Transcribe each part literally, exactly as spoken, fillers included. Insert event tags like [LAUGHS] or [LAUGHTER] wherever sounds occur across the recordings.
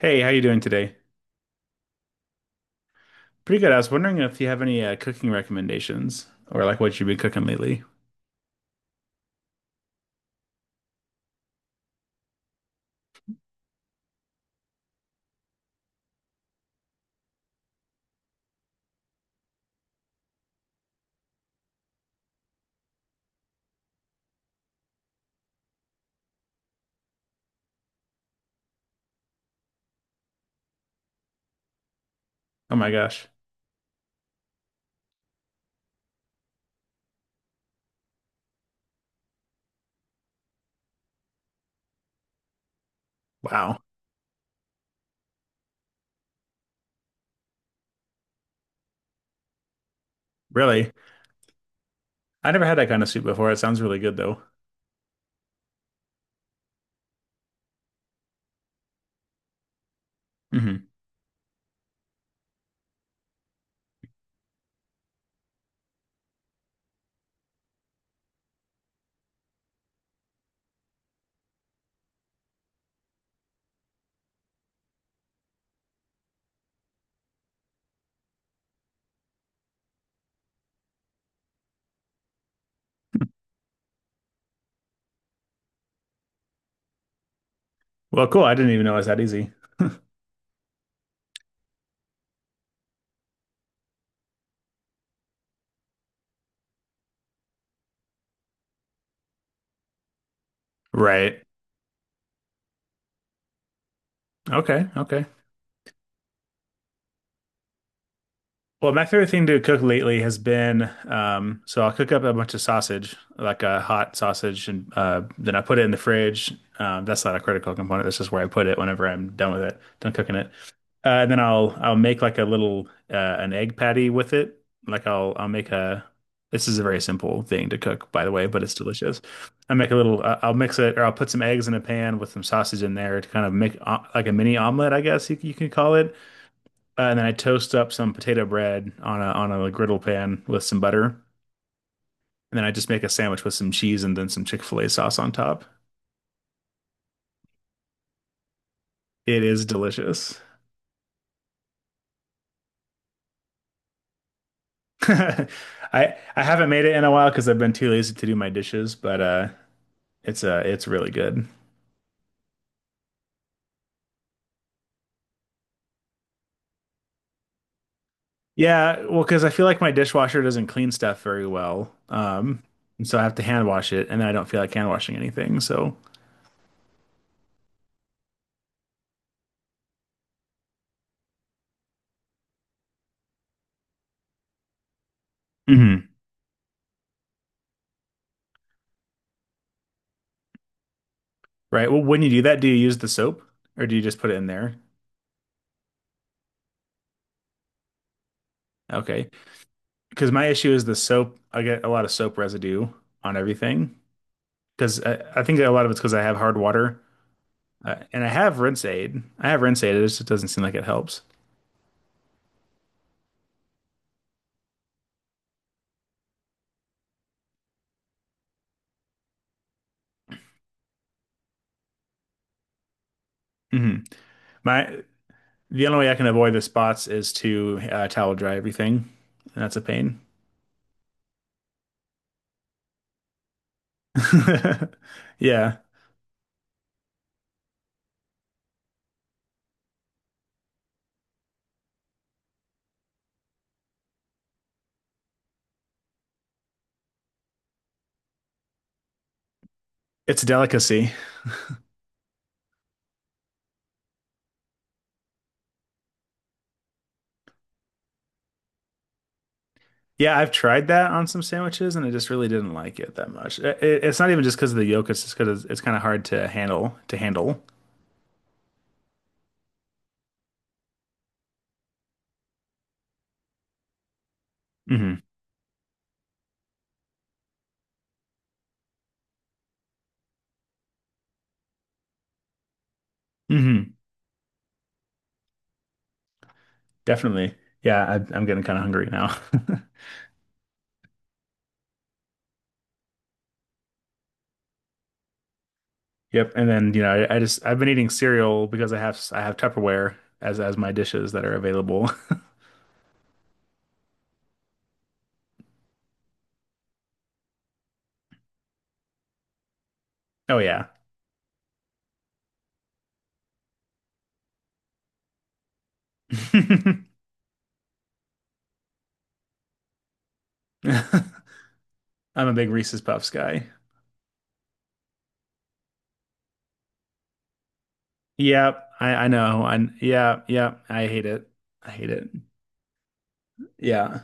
Hey, how you doing today? Pretty good. I was wondering if you have any uh, cooking recommendations or like what you've been cooking lately. Oh my gosh. Wow. Really? I never had that kind of soup before. It sounds really good though. hmm Well, cool. I didn't even know it was that easy. Right. Okay. Okay. Well, my favorite thing to cook lately has been um, so I'll cook up a bunch of sausage, like a hot sausage, and uh, then I put it in the fridge. Um, that's not a critical component. That's just where I put it whenever I'm done with it, done cooking it. Uh, and then I'll I'll make like a little uh, an egg patty with it. Like I'll I'll make a. This is a very simple thing to cook, by the way, but it's delicious. I make a little. Uh, I'll mix it, or I'll put some eggs in a pan with some sausage in there to kind of make uh, like a mini omelet, I guess you, you can call it. Uh, and then I toast up some potato bread on a on a griddle pan with some butter, and then I just make a sandwich with some cheese and then some Chick-fil-A sauce on top. It is delicious. [LAUGHS] I I haven't made it in a while because I've been too lazy to do my dishes, but uh, it's uh, it's really good. Yeah, well, because I feel like my dishwasher doesn't clean stuff very well, um, and so I have to hand wash it, and then I don't feel like hand washing anything. So, mhm, right. Well, when you do that, do you use the soap or do you just put it in there? Okay. Because my issue is the soap. I get a lot of soap residue on everything because I, I think a lot of it's because I have hard water uh, and I have rinse aid. I have rinse aid. It just doesn't seem like it helps. Hmm. My the only way I can avoid the spots is to uh, towel dry everything, and that's a pain. [LAUGHS] Yeah, it's a delicacy. Yeah, I've tried that on some sandwiches and I just really didn't like it that much. It, it's not even just because of the yolk; it's just because it's, it's kind of hard to handle to handle. Hmm. Hmm. Definitely. Yeah, I, I'm getting kind of hungry now. [LAUGHS] Yep. And then, you know, I, I just I've been eating cereal because I have I have Tupperware as as my dishes that are available. [LAUGHS] Oh yeah. [LAUGHS] I'm a big Reese's Puffs guy. Yep, I I know. I yeah, yeah, I hate it. I hate it. Yeah.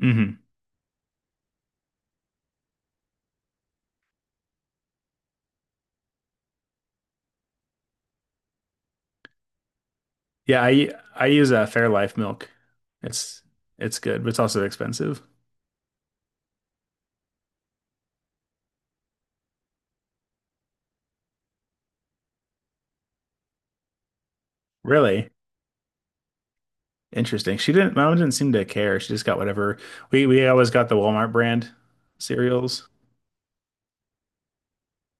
Hmm. Yeah, I I use a Fairlife milk. It's it's good, but it's also expensive. Really? Interesting. She didn't, mom didn't seem to care. She just got whatever. We we always got the Walmart brand cereals.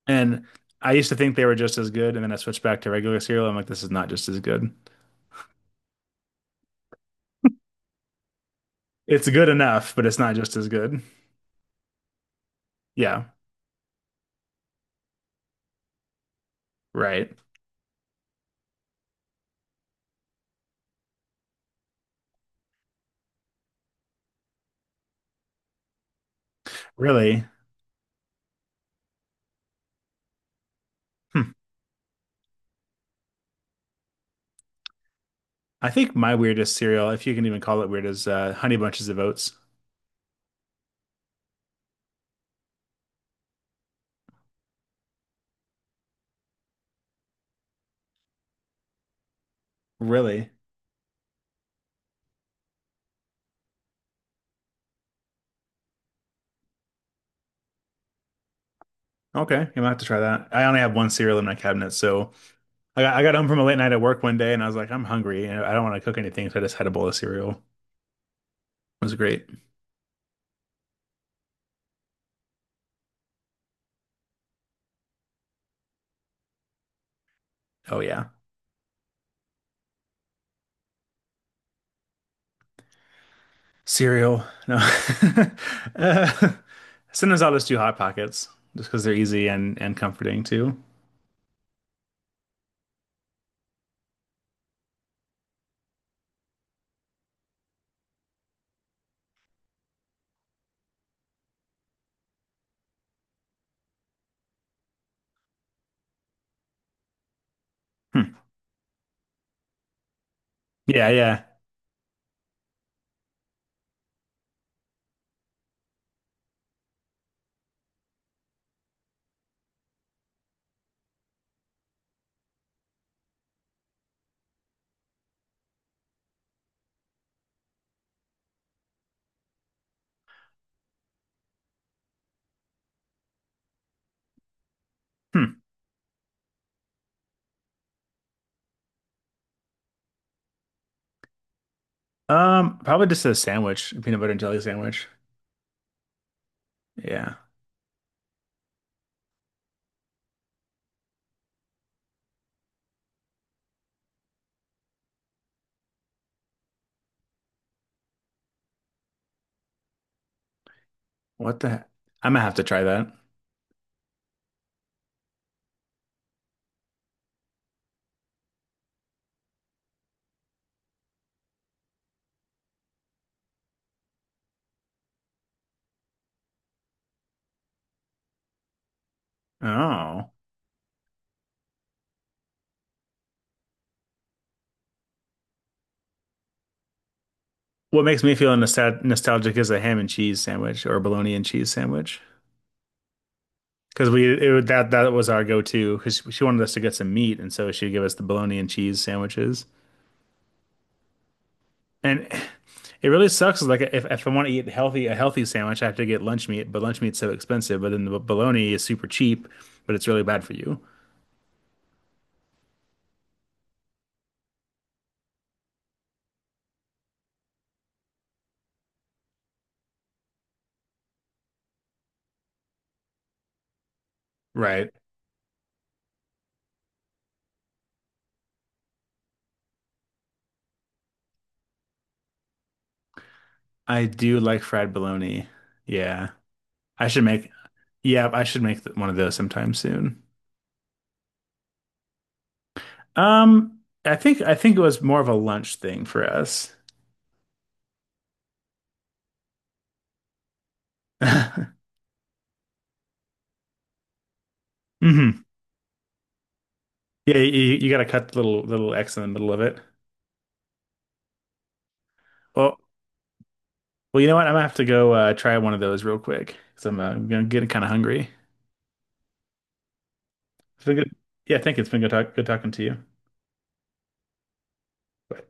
And I used to think they were just as good, and then I switched back to regular cereal. I'm like, this is not just as good. It's good enough, but it's not just as good. Yeah, right. Really? Hmm. I think my weirdest cereal, if you can even call it weird, is uh, Honey Bunches of Oats. Really? Okay, I'm gonna have to try that. I only have one cereal in my cabinet, so I got, I got home from a late night at work one day, and I was like, I'm hungry, and I don't want to cook anything, so I just had a bowl of cereal. It was great. Oh yeah. Cereal. No. [LAUGHS] uh, sometimes I'll just do Hot Pockets just because they're easy and, and comforting too. Hmm. Yeah, yeah. Hmm. Um, probably just a sandwich, a peanut butter and jelly sandwich. Yeah. What the? I'm gonna have to try that. Oh. What makes me feel nostal nostalgic is a ham and cheese sandwich or a bologna and cheese sandwich. Because we it, was- that that was our go-to because she wanted us to get some meat and so she'd give us the bologna and cheese sandwiches. And it really sucks. Like if, if I want to eat healthy, a healthy sandwich, I have to get lunch meat, but lunch meat's so expensive. But then the bologna is super cheap, but it's really bad for you. Right. I do like fried bologna. Yeah. I should make, yeah, I should make one of those sometime soon. Um, I think I think it was more of a lunch thing for us. [LAUGHS] hmm Yeah, you, you got to cut the little little X in the middle of it. Well, well, you know what? I'm gonna have to go uh, try one of those real quick because I'm, uh, I'm gonna get kind of hungry. It's been good. Yeah, thank you. It's been good talk, good talking to you. Bye.